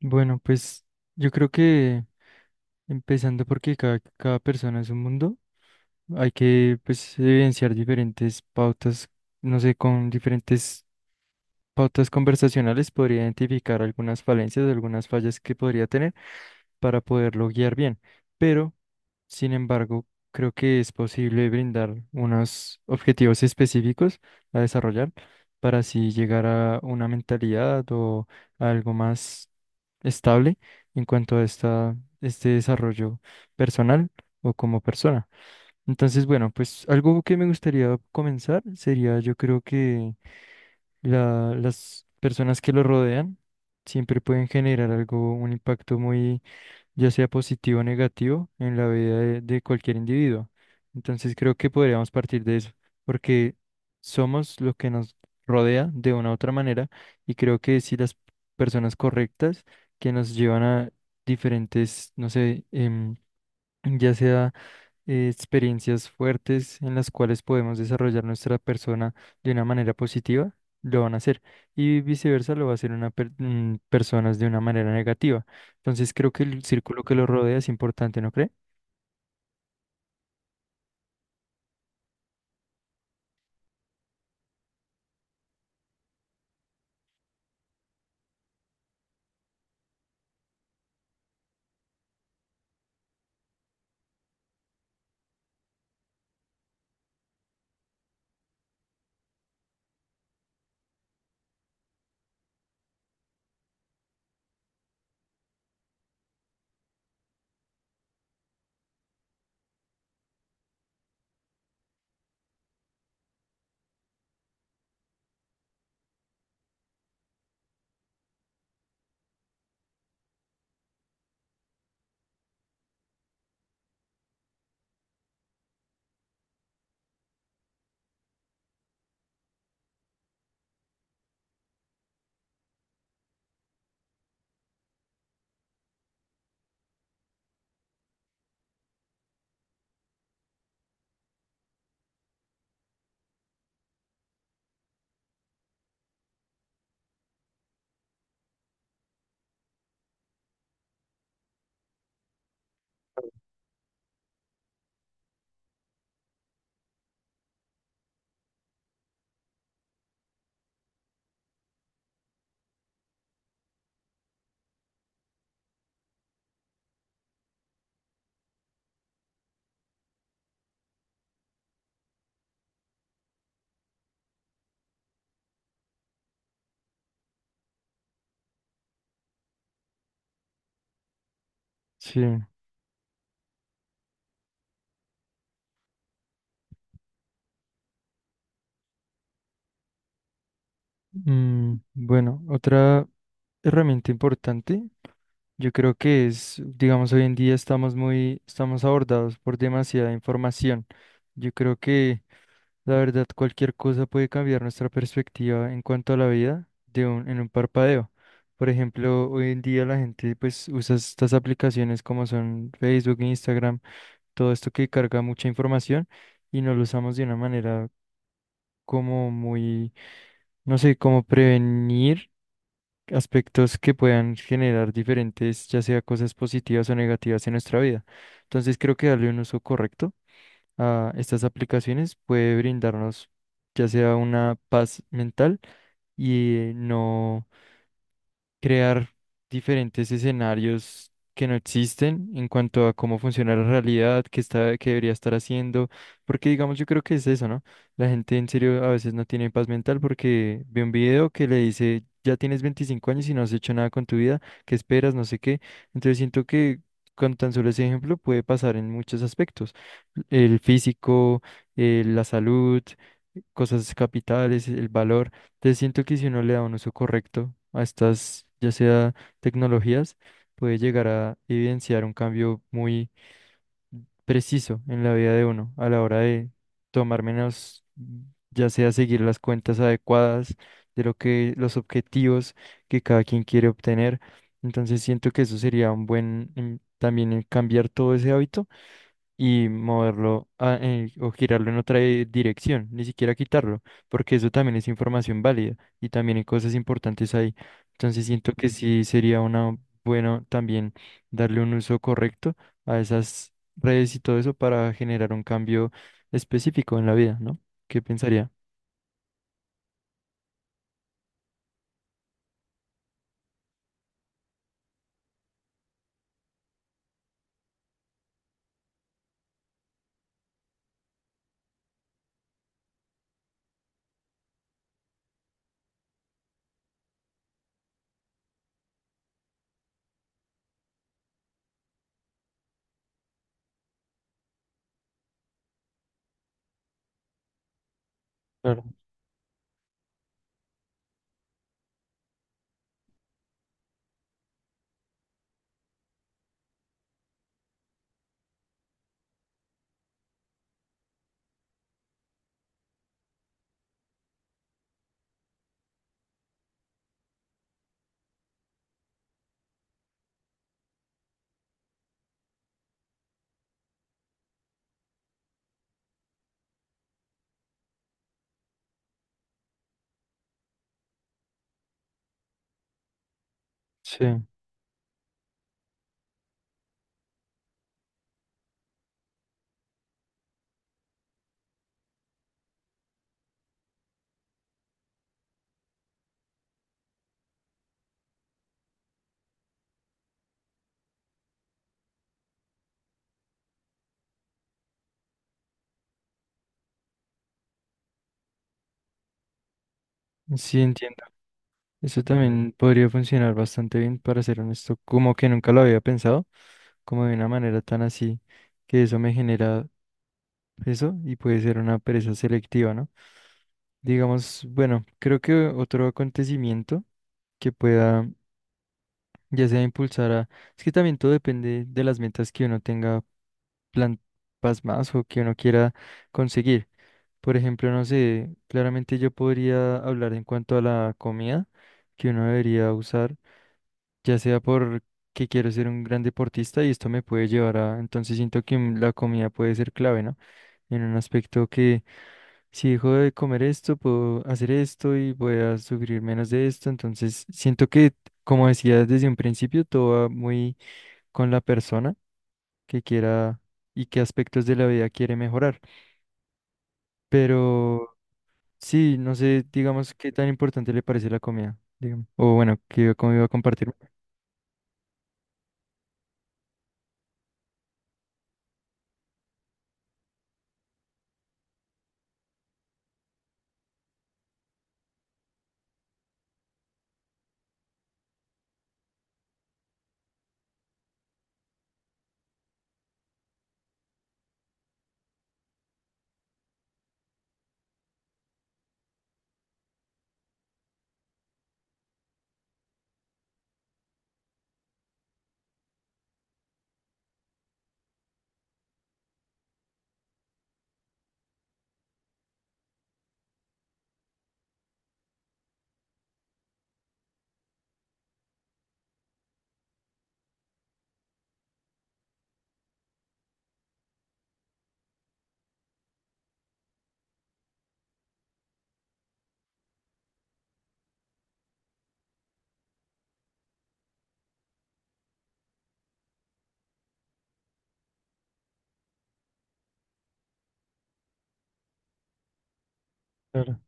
Bueno, pues yo creo que empezando porque cada persona es un mundo, hay que pues evidenciar diferentes pautas, no sé, con diferentes pautas conversacionales podría identificar algunas falencias, algunas fallas que podría tener para poderlo guiar bien. Pero, sin embargo, creo que es posible brindar unos objetivos específicos a desarrollar para así llegar a una mentalidad o a algo más estable en cuanto a este desarrollo personal o como persona. Entonces, bueno, pues algo que me gustaría comenzar sería, yo creo que las personas que lo rodean siempre pueden generar algo, un impacto muy, ya sea positivo o negativo, en la vida de cualquier individuo. Entonces creo que podríamos partir de eso, porque somos lo que nos rodea de una u otra manera y creo que si las personas correctas que nos llevan a diferentes, no sé, ya sea experiencias fuertes en las cuales podemos desarrollar nuestra persona de una manera positiva, lo van a hacer. Y viceversa, lo va a hacer personas de una manera negativa. Entonces, creo que el círculo que lo rodea es importante, ¿no cree? Sí. Bueno, otra herramienta importante, yo creo que es, digamos, hoy en día estamos abordados por demasiada información. Yo creo que, la verdad, cualquier cosa puede cambiar nuestra perspectiva en cuanto a la vida en un parpadeo. Por ejemplo, hoy en día la gente pues usa estas aplicaciones como son Facebook, Instagram, todo esto que carga mucha información y nos lo usamos de una manera como muy, no sé, como prevenir aspectos que puedan generar diferentes, ya sea cosas positivas o negativas en nuestra vida. Entonces creo que darle un uso correcto a estas aplicaciones puede brindarnos ya sea una paz mental y no crear diferentes escenarios que no existen en cuanto a cómo funciona la realidad, qué debería estar haciendo, porque digamos yo creo que es eso, ¿no? La gente en serio a veces no tiene paz mental porque ve un video que le dice, ya tienes 25 años y no has hecho nada con tu vida, ¿qué esperas? No sé qué. Entonces siento que con tan solo ese ejemplo puede pasar en muchos aspectos: el físico, la salud, cosas capitales, el valor. Entonces siento que si uno le da un uso correcto a estas, ya sea, tecnologías, puede llegar a evidenciar un cambio muy preciso en la vida de uno a la hora de tomar menos, ya sea seguir las cuentas adecuadas de lo que los objetivos que cada quien quiere obtener. Entonces siento que eso sería un buen también en cambiar todo ese hábito y moverlo o girarlo en otra dirección, ni siquiera quitarlo, porque eso también es información válida y también hay cosas importantes ahí. Entonces siento que sí sería una, bueno, también darle un uso correcto a esas redes y todo eso para generar un cambio específico en la vida, ¿no? ¿Qué pensaría? Claro. Sí, sí entiendo. Eso también podría funcionar bastante bien, para ser honesto, como que nunca lo había pensado, como de una manera tan así, que eso me genera eso y puede ser una pereza selectiva, ¿no? Digamos, bueno, creo que otro acontecimiento que pueda ya sea impulsar a. Es que también todo depende de las metas que uno tenga plan, pasmadas, o que uno quiera conseguir. Por ejemplo, no sé, claramente yo podría hablar en cuanto a la comida que uno debería usar ya sea por que quiero ser un gran deportista y esto me puede llevar a, entonces siento que la comida puede ser clave, ¿no? En un aspecto que si dejo de comer esto, puedo hacer esto y voy a sufrir menos de esto. Entonces siento que, como decía desde un principio, todo va muy con la persona que quiera y qué aspectos de la vida quiere mejorar, pero sí, no sé, digamos, qué tan importante le parece la comida, digamos, o bueno, que cómo iba a compartir. Claro.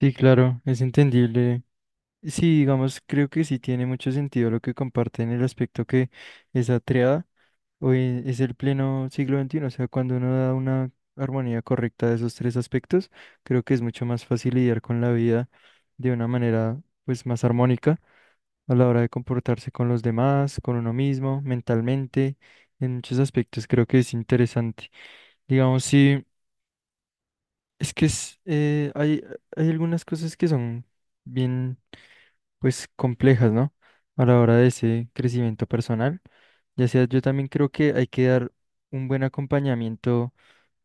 Sí, claro, es entendible. Sí, digamos, creo que sí tiene mucho sentido lo que comparte en el aspecto que esa triada, hoy es el pleno siglo XXI, o sea, cuando uno da una armonía correcta de esos tres aspectos, creo que es mucho más fácil lidiar con la vida de una manera pues más armónica a la hora de comportarse con los demás, con uno mismo, mentalmente; en muchos aspectos creo que es interesante. Digamos, sí. Es que es, eh, hay, hay algunas cosas que son bien, pues, complejas, ¿no? A la hora de ese crecimiento personal. Ya sea, yo también creo que hay que dar un buen acompañamiento.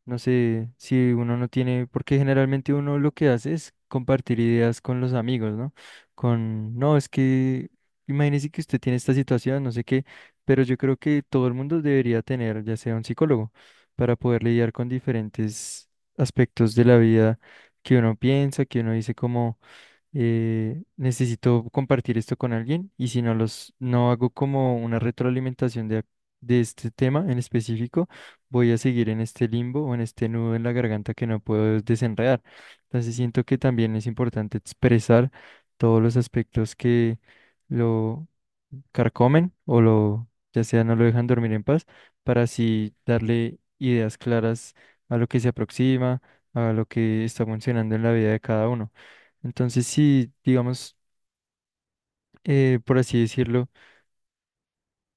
No sé si uno no tiene, porque generalmente uno lo que hace es compartir ideas con los amigos, ¿no? Con, no, es que imagínese que usted tiene esta situación, no sé qué, pero yo creo que todo el mundo debería tener, ya sea, un psicólogo, para poder lidiar con diferentes aspectos de la vida que uno piensa, que uno dice como necesito compartir esto con alguien, y si no los, no hago como una retroalimentación de este tema en específico, voy a seguir en este limbo o en este nudo en la garganta que no puedo desenredar. Entonces siento que también es importante expresar todos los aspectos que lo carcomen o lo, ya sea, no lo dejan dormir en paz, para así darle ideas claras a lo que se aproxima, a lo que está funcionando en la vida de cada uno. Entonces, sí, digamos, por así decirlo,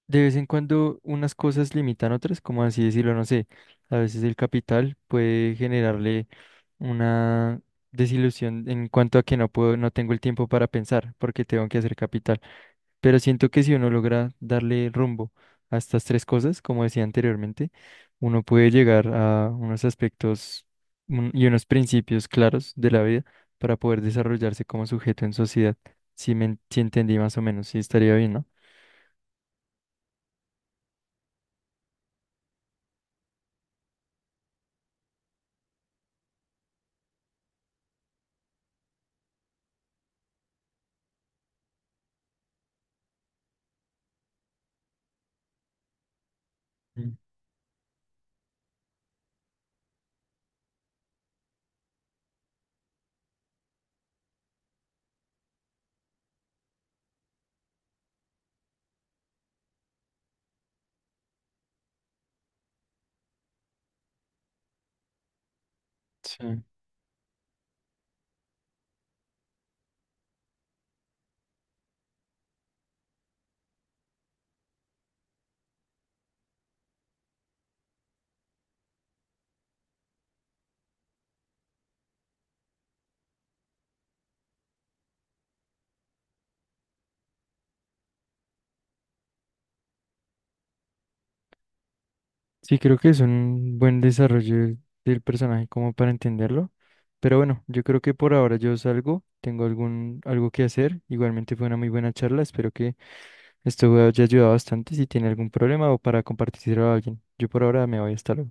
de vez en cuando unas cosas limitan otras, como así decirlo, no sé, a veces el capital puede generarle una desilusión en cuanto a que no puedo, no tengo el tiempo para pensar porque tengo que hacer capital. Pero siento que si uno logra darle rumbo a estas tres cosas, como decía anteriormente, uno puede llegar a unos aspectos y unos principios claros de la vida para poder desarrollarse como sujeto en sociedad. Si si entendí más o menos, sí estaría bien, ¿no? Mm. Sí. Sí, creo que es un buen desarrollo del personaje como para entenderlo. Pero bueno, yo creo que por ahora yo salgo, tengo algo que hacer. Igualmente fue una muy buena charla, espero que. Este juego ya ayuda bastante si tiene algún problema o para compartirlo a alguien. Yo por ahora me voy, hasta luego.